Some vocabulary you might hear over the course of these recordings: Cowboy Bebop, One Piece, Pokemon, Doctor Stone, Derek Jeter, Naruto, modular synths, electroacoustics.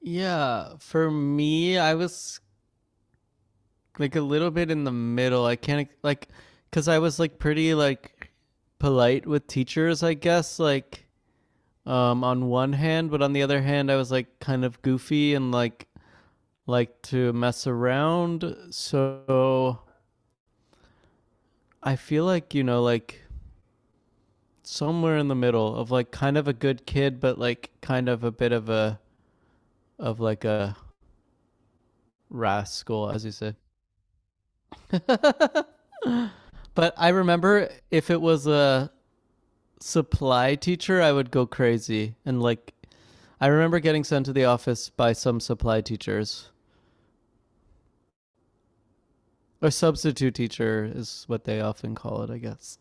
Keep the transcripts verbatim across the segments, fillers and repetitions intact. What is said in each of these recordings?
Yeah, for me, I was like a little bit in the middle. I can't like cuz I was like pretty like polite with teachers, I guess, like um on one hand, but on the other hand, I was like kind of goofy and like like to mess around. So I feel like, you know, like somewhere in the middle of like kind of a good kid but like kind of a bit of a of like a rascal as you say. But I remember if it was a supply teacher, I would go crazy. And like, I remember getting sent to the office by some supply teachers, or substitute teacher is what they often call it, I guess.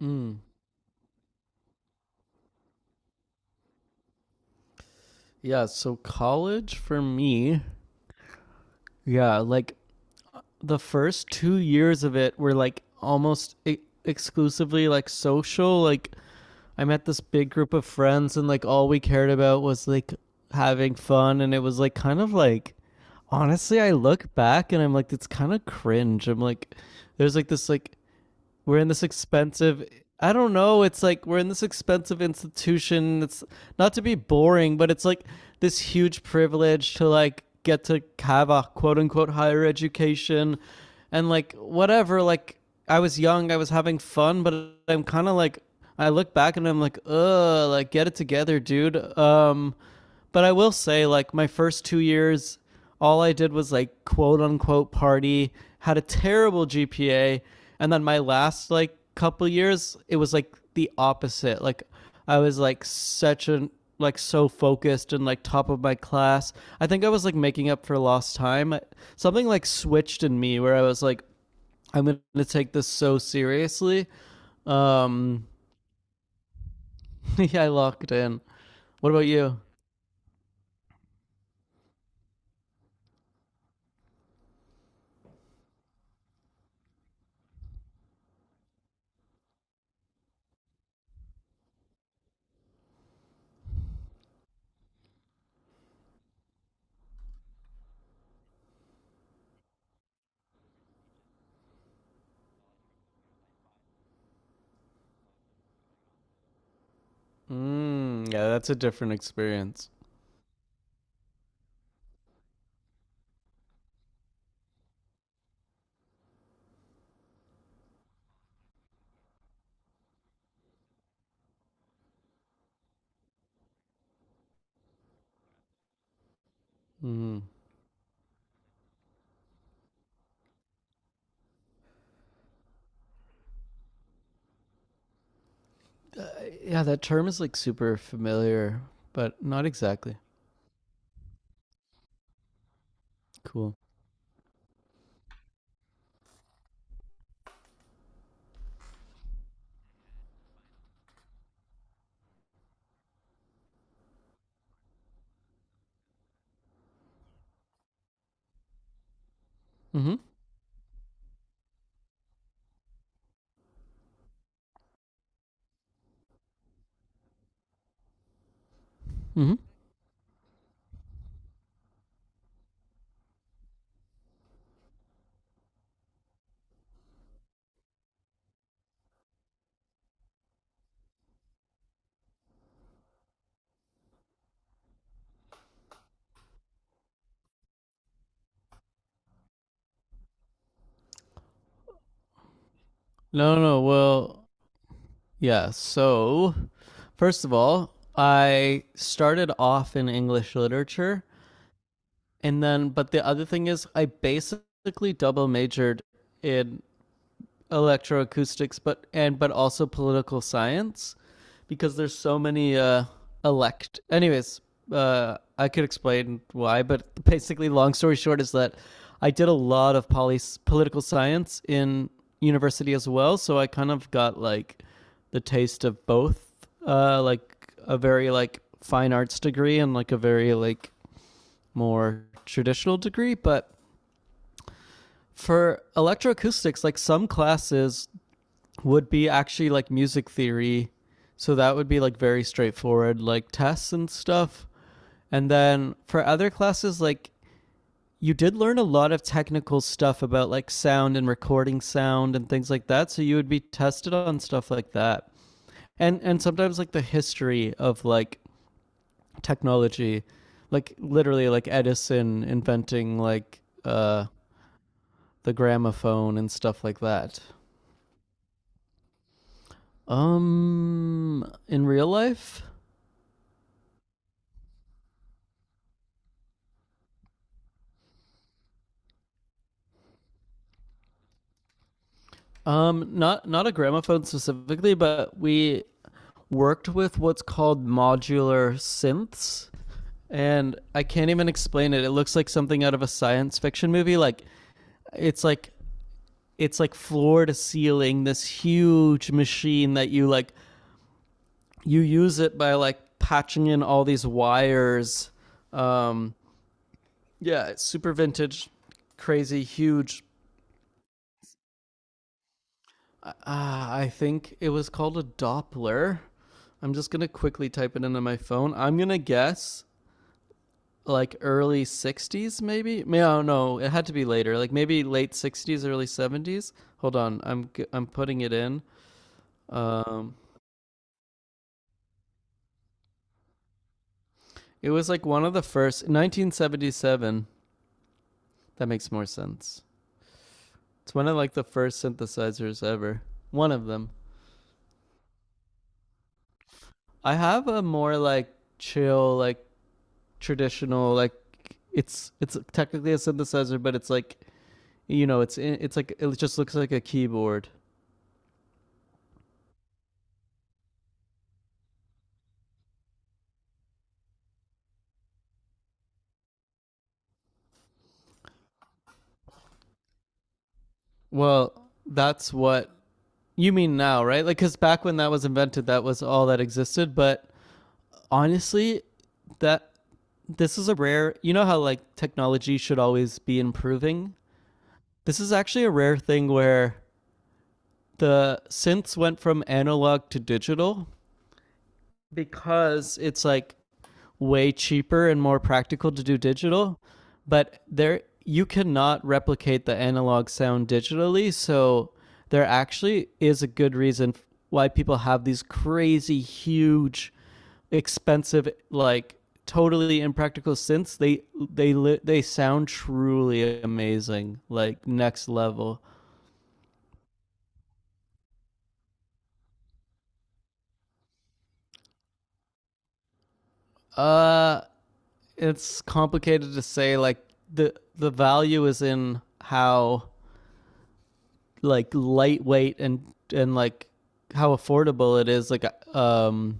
Mm. Yeah, so college for me, yeah, like the first two years of it were like almost e- exclusively like social, like I met this big group of friends and like all we cared about was like having fun and it was like kind of like honestly I look back and I'm like it's kind of cringe. I'm like there's like this like we're in this expensive I don't know, it's like we're in this expensive institution. It's not to be boring, but it's like this huge privilege to like get to have a quote unquote higher education and like whatever, like I was young, I was having fun, but I'm kind of like I look back and I'm like, "Ugh, like get it together, dude." Um but I will say like my first two years all I did was like quote unquote party, had a terrible G P A, and then my last like couple years, it was like the opposite. Like I was like such an like so focused and like top of my class. I think I was like making up for lost time. Something like switched in me where I was like I'm going to take this so seriously. Um yeah, I locked in. What about you? Mm, yeah, that's a different experience. Mm. Yeah, that term is like super familiar, but not exactly. Cool. Mhm. Mhm. No, no. no. Well, yeah. So, first of all, I started off in English literature, and then but the other thing is I basically double majored in electroacoustics, but and but also political science, because there's so many uh, elect. Anyways, uh, I could explain why, but basically, long story short is that I did a lot of poly- political science in university as well, so I kind of got like the taste of both, uh, like a very like fine arts degree and like a very like more traditional degree, but for electroacoustics, like some classes, would be actually like music theory. So that would be like very straightforward, like tests and stuff. And then for other classes, like you did learn a lot of technical stuff about like sound and recording sound and things like that. So you would be tested on stuff like that. And and sometimes like the history of like technology, like literally like Edison inventing like uh the gramophone and stuff like that. Um in real life, Um, not not a gramophone specifically, but we worked with what's called modular synths, and I can't even explain it. It looks like something out of a science fiction movie. Like it's like it's like floor to ceiling, this huge machine that you like you use it by like patching in all these wires. Um, yeah, it's super vintage, crazy, huge. Uh, I think it was called a Doppler. I'm just gonna quickly type it into my phone. I'm gonna guess like early sixties, maybe. May- No, no, it had to be later. Like maybe late sixties, early seventies. Hold on, I'm i I'm putting it in. Um, it was like one of the first nineteen seventy-seven. That makes more sense. It's one of like the first synthesizers ever. One of them. I have a more like chill, like traditional like it's it's technically a synthesizer, but it's like you know it's it's like it just looks like a keyboard. Well, that's what you mean now, right? Like because back when that was invented, that was all that existed. But honestly, that this is a rare. You know how like technology should always be improving. This is actually a rare thing where the synths went from analog to digital because it's like way cheaper and more practical to do digital, but there you cannot replicate the analog sound digitally, so there actually is a good reason why people have these crazy huge expensive like totally impractical synths. They they li- they sound truly amazing, like next level. Uh it's complicated to say like the the value is in how like lightweight and and like how affordable it is like um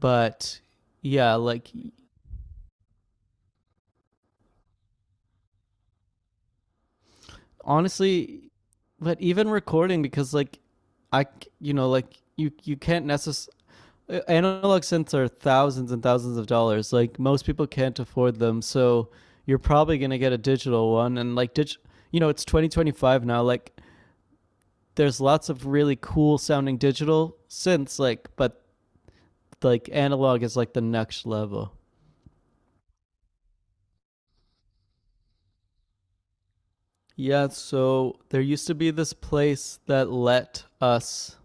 but yeah like honestly but even recording because like I you know like you you can't necessarily analog synths are thousands and thousands of dollars like most people can't afford them so you're probably going to get a digital one and like dig- you know it's twenty twenty-five now like there's lots of really cool sounding digital synths like but like analog is like the next level. Yeah, so there used to be this place that let us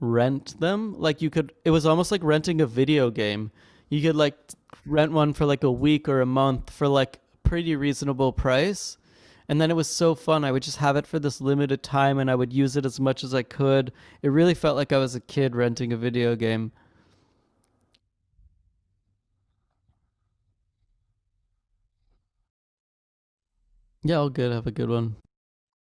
rent them. Like you could it was almost like renting a video game. You could like rent one for like a week or a month for like a pretty reasonable price. And then it was so fun. I would just have it for this limited time and I would use it as much as I could. It really felt like I was a kid renting a video game. Yeah, all good. Have a good one.